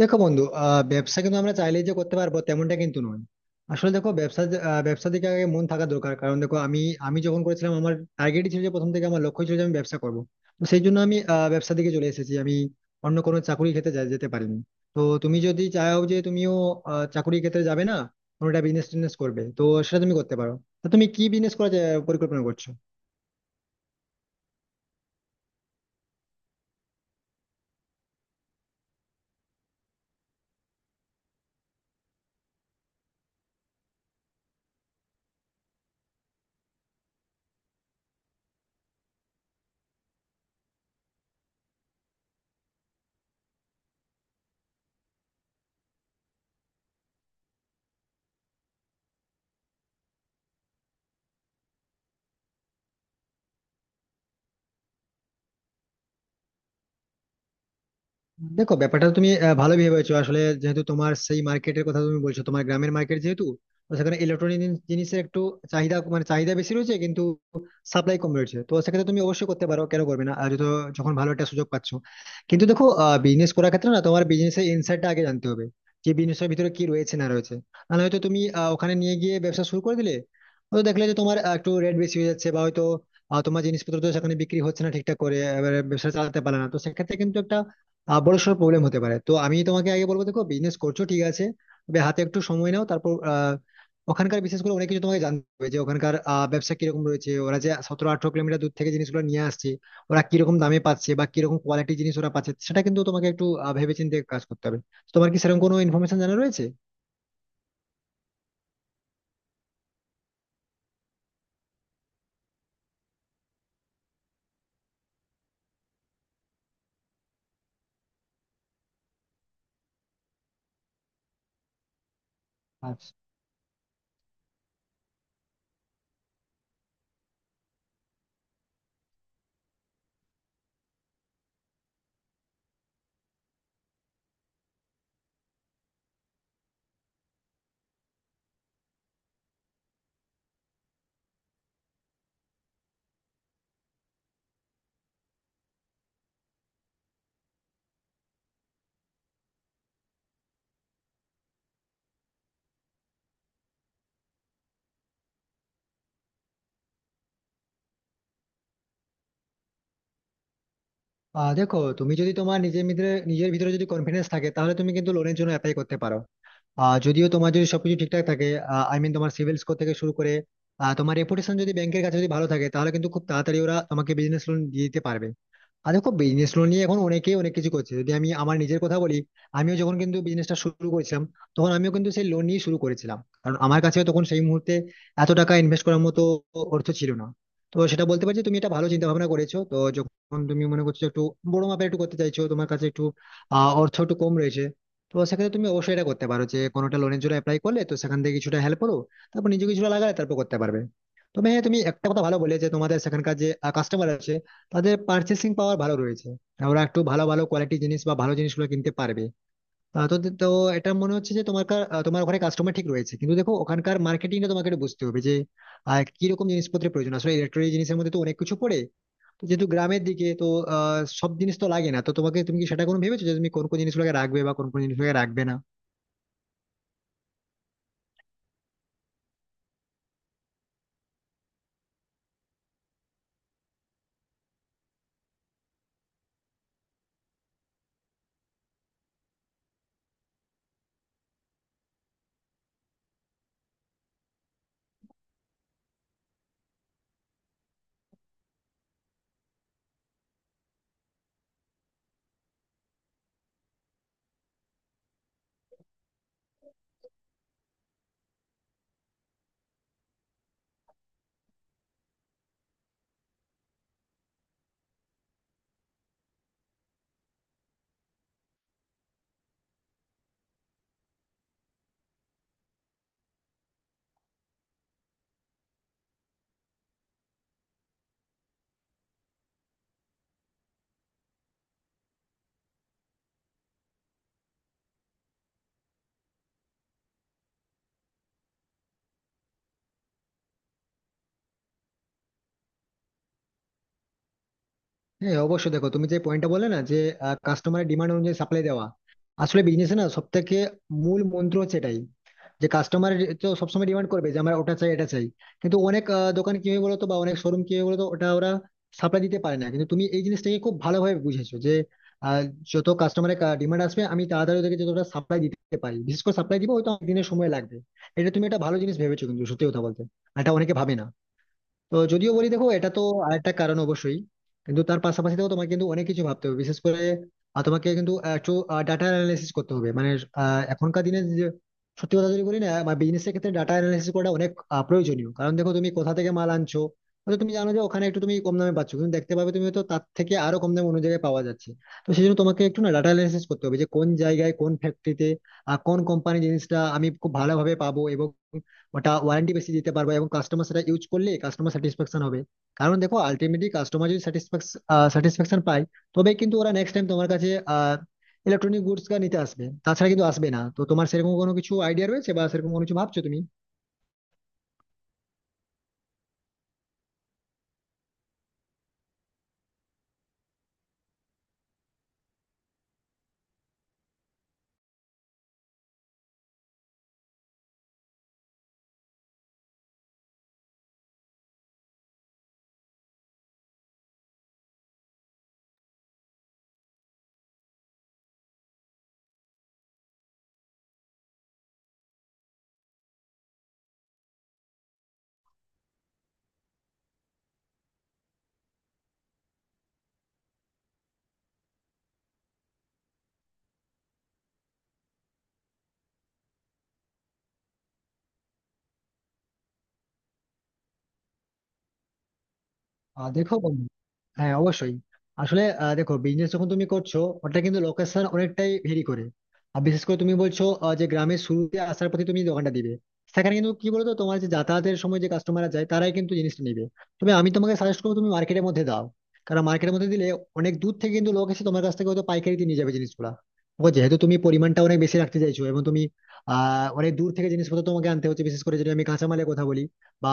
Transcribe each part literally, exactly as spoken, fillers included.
দেখো বন্ধু আহ ব্যবসা কিন্তু আমরা চাইলেই যে করতে পারবো তেমনটা কিন্তু নয়। আসলে দেখো ব্যবসা যে- আহ, ব্যবসার দিকে আগে মন থাকা দরকার, কারণ দেখো আমি আমি যখন করেছিলাম আমার টার্গেটই ছিল, যে প্রথম থেকে আমার লক্ষ্য ছিল যে আমি ব্যবসা করবো। তো সেই জন্য আমি আহ, ব্যবসার দিকে চলে এসেছি, আমি অন্য কোনো চাকরির ক্ষেত্রে যা- যেতে পারিনি। তো তুমি যদি চাও যে তুমিও আহ, চাকরির ক্ষেত্রে যাবে না, কোনোটা বিজনেস টিজনেস করবে, তো সেটা তুমি করতে পারো। তো তুমি কি বিজনেস করার যা- পরিকল্পনা করছো? দেখো ব্যাপারটা তুমি আহ, ভালো ভেবেছো, আসলে যেহেতু তোমার সেই মার্কেটের কথা তুমি বলছো, তোমার গ্রামের মার্কেট যেহেতু, তো সেখানে ইলেকট্রনিক জিনিসের একটু চাহিদা মানে চাহিদা বেশি রয়েছে, কিন্তু সাপ্লাই কম রয়েছে। তো সেক্ষেত্রে তুমি অবশ্যই করতে পারো, কেন করবে না, আর যত যখন ভালো একটা সুযোগ পাচ্ছ। কিন্তু দেখো, বিজনেস করার ক্ষেত্রে না, তোমার বিজনেসের ইনসাইডটা আগে জানতে হবে, যে বিজনেসের ভিতরে কি রয়েছে না রয়েছে। নাহলে হয়তো তুমি আহ, ওখানে নিয়ে গিয়ে ব্যবসা শুরু করে দিলে, হয়তো দেখলে যে তোমার আহ, একটু রেট বেশি হয়ে যাচ্ছে, বা হয়তো আহ, তোমার জিনিসপত্র তো সেখানে বিক্রি হচ্ছে না ঠিকঠাক করে, এবারে ব্যবসা চালাতে পারে না, তো সেক্ষেত্রে কিন্তু একটা আহ বড়সড় প্রবলেম হতে পারে। তো আমি তোমাকে আগে বলবো, দেখো বিজনেস করছো ঠিক আছে, তবে হাতে একটু সময় নাও, তারপর আহ, ওখানকার বিশেষ করে অনেক কিছু তোমাকে জানতে হবে, যে ওখানকার আহ, ব্যবসা কিরকম রয়েছে, ওরা যে সতেরো আঠারো কিলোমিটার দূর থেকে জিনিসগুলো নিয়ে আসছে, ওরা কিরকম দামে পাচ্ছে বা কিরকম কোয়ালিটি জিনিস ওরা পাচ্ছে, সেটা কিন্তু তোমাকে একটু আহ, ভেবেচিন্তে কাজ করতে হবে। তো তোমার কি সেরকম কোনো ইনফরমেশন জানা রয়েছে? আচ্ছা। আহ, দেখো, তুমি যদি তোমার নিজের ভিতরে নিজের ভিতরে যদি কনফিডেন্স থাকে, তাহলে তুমি কিন্তু লোনের জন্য অ্যাপ্লাই করতে পারো। আহ যদিও তোমার যদি সবকিছু ঠিকঠাক থাকে, আই মিন তোমার সিভিল স্কোর থেকে শুরু করে আহ, তোমার রেপুটেশন যদি ব্যাংকের কাছে যদি ভালো থাকে, তাহলে কিন্তু খুব তাড়াতাড়ি ওরা তোমাকে বিজনেস লোন দিয়ে দিতে পারবে। আর দেখো, বিজনেস লোন নিয়ে এখন অনেকেই অনেক কিছু করছে, যদি আমি আমার নিজের কথা বলি, আমিও যখন কিন্তু বিজনেসটা শুরু করেছিলাম, তখন আমিও কিন্তু সেই লোন নিয়ে শুরু করেছিলাম, কারণ আমার কাছে তখন সেই মুহূর্তে এত টাকা ইনভেস্ট করার মতো অর্থ ছিল না। তো সেটা বলতে পারছি, তুমি এটা ভালো চিন্তা ভাবনা করেছো, তো যখন তুমি মনে করছো একটু বড় মাপের একটু করতে চাইছো, তোমার কাছে একটু আহ অর্থ একটু কম রয়েছে, তো সেক্ষেত্রে তুমি অবশ্যই এটা করতে পারো, যে কোনোটা লোনের জন্য অ্যাপ্লাই করলে তো সেখান থেকে কিছুটা হেল্প করো, তারপর নিজে কিছুটা লাগালে তারপর করতে পারবে। তবে হ্যাঁ, তুমি একটা কথা ভালো বলে, যে তোমাদের সেখানকার যে কাস্টমার আছে তাদের পার্চেসিং পাওয়ার ভালো রয়েছে, আর ওরা একটু ভালো ভালো কোয়ালিটি জিনিস বা ভালো জিনিসগুলো কিনতে পারবে। আহ, তো তো এটা মনে হচ্ছে যে তোমার কা- আহ, তোমার ওখানে কাস্টমার ঠিক রয়েছে, কিন্তু দেখো, ওখানকার মার্কেটিংটা তোমাকে একটু বুঝতে হবে, যে আহ, কি রকম জিনিসপত্রের প্রয়োজন, আসলে ইলেকট্রনিক জিনিসের মধ্যে তো অনেক কিছু পড়ে। তো যেহেতু গ্রামের দিকে তো আহ, সব জিনিস তো লাগে না, তো তোমাকে, তুমি কি সেটা কোনো ভেবেছো যে তুমি কোন কোন জিনিসগুলোকে রাখবে বা কোন কোন জিনিসগুলোকে রাখবে না? হ্যাঁ অবশ্যই। দেখো তুমি যে পয়েন্টটা বলে না, যে কাস্টমারের ডিমান্ড অনুযায়ী সাপ্লাই দেওয়া, আসলে বিজনেসে না সব থেকে মূল মন্ত্র হচ্ছে এটাই। যে কাস্টমার তো সবসময় ডিমান্ড করবে যে আমরা ওটা চাই এটা চাই, কিন্তু অনেক আহ, দোকান কি হয় বলতো, বা অনেক শোরুম কি হয় বলতো, ওটা ওরা সাপ্লাই দিতে পারে না, কিন্তু তুমি এই জিনিসটাকে খুব ভালোভাবে বুঝেছো যে আহ, যত কাস্টমারের ডিমান্ড আসবে আমি তাড়াতাড়ি ওদেরকে যতটা সাপ্লাই দিতে পারি, বিশেষ করে সাপ্লাই দিব, হয়তো অনেক দিনের সময় লাগবে। এটা তুমি একটা ভালো জিনিস ভেবেছো, কিন্তু সত্যি কথা বলতে আর এটা অনেকে ভাবে না। তো যদিও বলি, দেখো এটা তো আরেকটা কারণ অবশ্যই, কিন্তু তার পাশাপাশি দেখো, তোমাকে কিন্তু অনেক কিছু ভাবতে হবে, বিশেষ করে আহ, তোমাকে কিন্তু আহ, একটু ডাটা অ্যানালাইসিস করতে হবে, মানে আহ, এখনকার দিনে যে- সত্যি কথা যদি বলি না, বিজনেসের ক্ষেত্রে ডাটা অ্যানালাইসিস করাটা অনেক আহ, প্রয়োজনীয়। কারণ দেখো, তুমি কোথা থেকে মাল আনছো, হয়তো তুমি জানো যে ওখানে একটু তুমি কম দামে পাচ্ছ, কিন্তু দেখতে পাবে তুমি হয়তো তার থেকে আরো কম দামে অন্য জায়গায় পাওয়া যাচ্ছে। তো সেই জন্য তোমাকে একটু না ডাটা অ্যানালাইসিস করতে হবে, যে কোন জায়গায় কোন ফ্যাক্টরিতে কোন কোম্পানি জিনিসটা আমি খুব ভালোভাবে পাবো, এবং ওটা ওয়ারেন্টি বেশি দিতে পারবো, এবং কাস্টমার সেটা ইউজ করলে কাস্টমার স্যাটিসফ্যাকশন হবে। কারণ দেখো, আলটিমেটলি কাস্টমার যদি স্যাটিসফ্যাকশন পায়, তবে কিন্তু ওরা নেক্সট টাইম তোমার কাছে আহ ইলেকট্রনিক গুডস নিতে আসবে, তাছাড়া কিন্তু আসবে না। তো তোমার সেরকম কোনো কিছু আইডিয়া রয়েছে বা সেরকম কোনো কিছু ভাবছো তুমি? আহ দেখো বন্ধু, হ্যাঁ অবশ্যই। আসলে আহ, দেখো, বিজনেস যখন তুমি করছো, ওটা কিন্তু লোকেশন অনেকটাই ভেরি করে। আর বিশেষ করে তুমি বলছো আহ, যে গ্রামের শুরুতে আসার পথে তুমি দোকানটা দিবে, সেখানে কিন্তু কি বলতো, তোমার যে যাতায়াতের সময় যে কাস্টমাররা যায় তারাই কিন্তু জিনিসটা নেবে। তবে আমি তোমাকে সাজেস্ট করবো তুমি মার্কেটের মধ্যে দাও। কারণ মার্কেটের মধ্যে দিলে অনেক দূর থেকে কিন্তু লোক এসে তোমার কাছ থেকে হয়তো পাইকারিতে নিয়ে যাবে জিনিসগুলা। ও যেহেতু তুমি পরিমাণটা অনেক বেশি রাখতে চাইছো, এবং তুমি আহ অনেক দূর থেকে জিনিসপত্র তোমাকে আনতে হচ্ছে, বিশেষ করে যদি আমি কাঁচামালের কথা বলি বা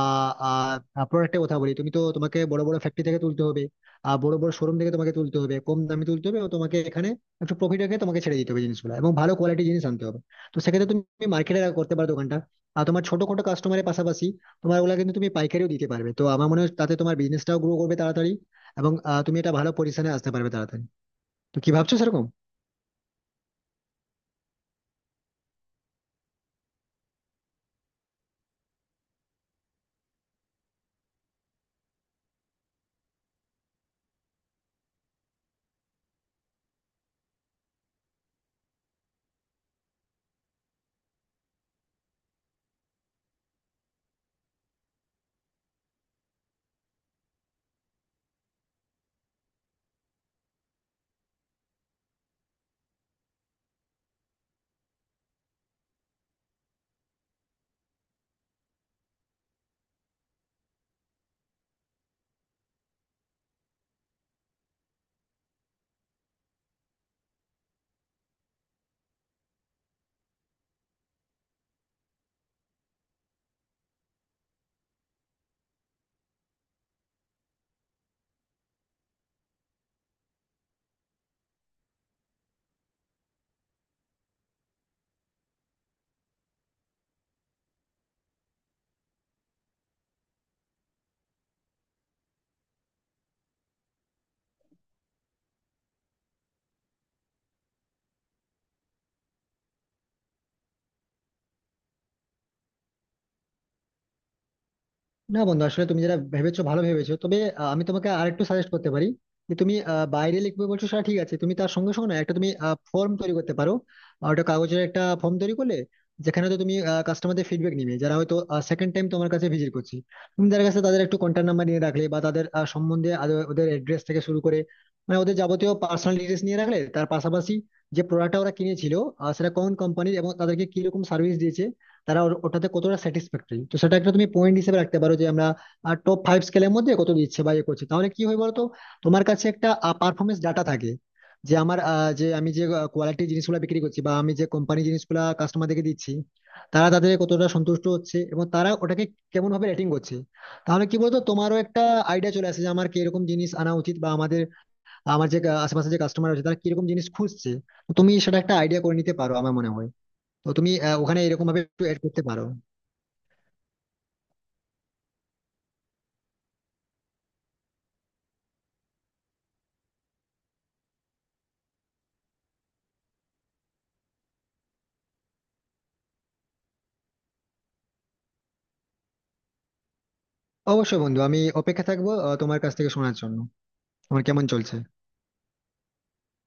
প্রোডাক্টের কথা বলি, তুমি তো তোমাকে বড় বড় ফ্যাক্টরি থেকে তুলতে হবে, আর বড় বড় শোরুম থেকে তোমাকে তুলতে হবে, কম দামে তুলতে হবে, ও তোমাকে এখানে একটু প্রফিট রেখে তোমাকে ছেড়ে দিতে হবে জিনিসগুলো, এবং ভালো কোয়ালিটি জিনিস আনতে হবে। তো সেক্ষেত্রে তুমি মার্কেটে করতে পারো দোকানটা, আর তোমার ছোটখাটো কাস্টমারের পাশাপাশি তোমার ওগুলা কিন্তু তুমি পাইকারিও দিতে পারবে। তো আমার মনে হয় তাতে তোমার বিজনেসটাও গ্রো করবে তাড়াতাড়ি, এবং আহ, তুমি এটা ভালো পজিশনে আসতে পারবে তাড়াতাড়ি। তো কি ভাবছো সেরকম? না বন্ধু, আসলে তুমি যেটা ভেবেছো ভালো ভেবেছো, তবে আহ, আমি তোমাকে আরেকটু সাজেস্ট করতে পারি, যে তুমি আহ, বাইরে লিখবে বলছো সেটা ঠিক আছে, তুমি তার সঙ্গে সঙ্গে না একটা তুমি ফর্ম তৈরি করতে পারো, আর ওটা কাগজের একটা ফর্ম তৈরি করলে, যেখানে তো তুমি কাস্টমারদের ফিডব্যাক নিবে যারা হয়তো সেকেন্ড টাইম তোমার কাছে ভিজিট করছে। তুমি তাদের কাছে তাদের একটু কন্ট্যাক্ট নাম্বার নিয়ে রাখলে বা তাদের আহ, সম্বন্ধে আদৌ- ওদের অ্যাড্রেস থেকে শুরু করে, মানে ওদের যাবতীয় পার্সোনাল ডিটেলস নিয়ে রাখলে, তার পাশাপাশি যে প্রোডাক্টটা ওরা কিনেছিল আহ, সেটা কোন কোম্পানির, এবং তাদেরকে কিরকম সার্ভিস দিয়েছে, তারা ওর- ওটাতে কতটা স্যাটিসফ্যাক্টরি, তো সেটা একটা তুমি পয়েন্ট হিসেবে রাখতে পারো, যে আমরা টপ ফাইভ স্কেলের মধ্যে কত দিচ্ছে বা ইয়ে করছে। তাহলে কি হয় বলতো, তোমার কাছে একটা পারফরমেন্স ডাটা থাকে, যে আমার আহ, যে আমি যে কোয়ালিটি জিনিসগুলো বিক্রি করছি বা আমি যে কোম্পানি জিনিসগুলো কাস্টমারদেরকে দিচ্ছি, তারা তাদের কতটা সন্তুষ্ট হচ্ছে, এবং তারা ওটাকে কেমন ভাবে রেটিং করছে। তাহলে কি বলতো, তোমারও একটা আইডিয়া চলে আসে, যে আমার কিরকম জিনিস আনা উচিত, বা আমাদের আমার যে আহ, আশেপাশে যে কাস্টমার আছে তারা কিরকম জিনিস খুঁজছে। তো তুমি সেটা একটা আইডিয়া করে নিতে পারো আমার মনে হয়। তো তুমি আহ, ওখানে এরকম ভাবে একটু এড করতে পারো। অবশ্যই বন্ধু, আমি অপেক্ষা থাকবো আহ, তোমার কাছ থেকে শোনার জন্য তোমার কেমন চলছে।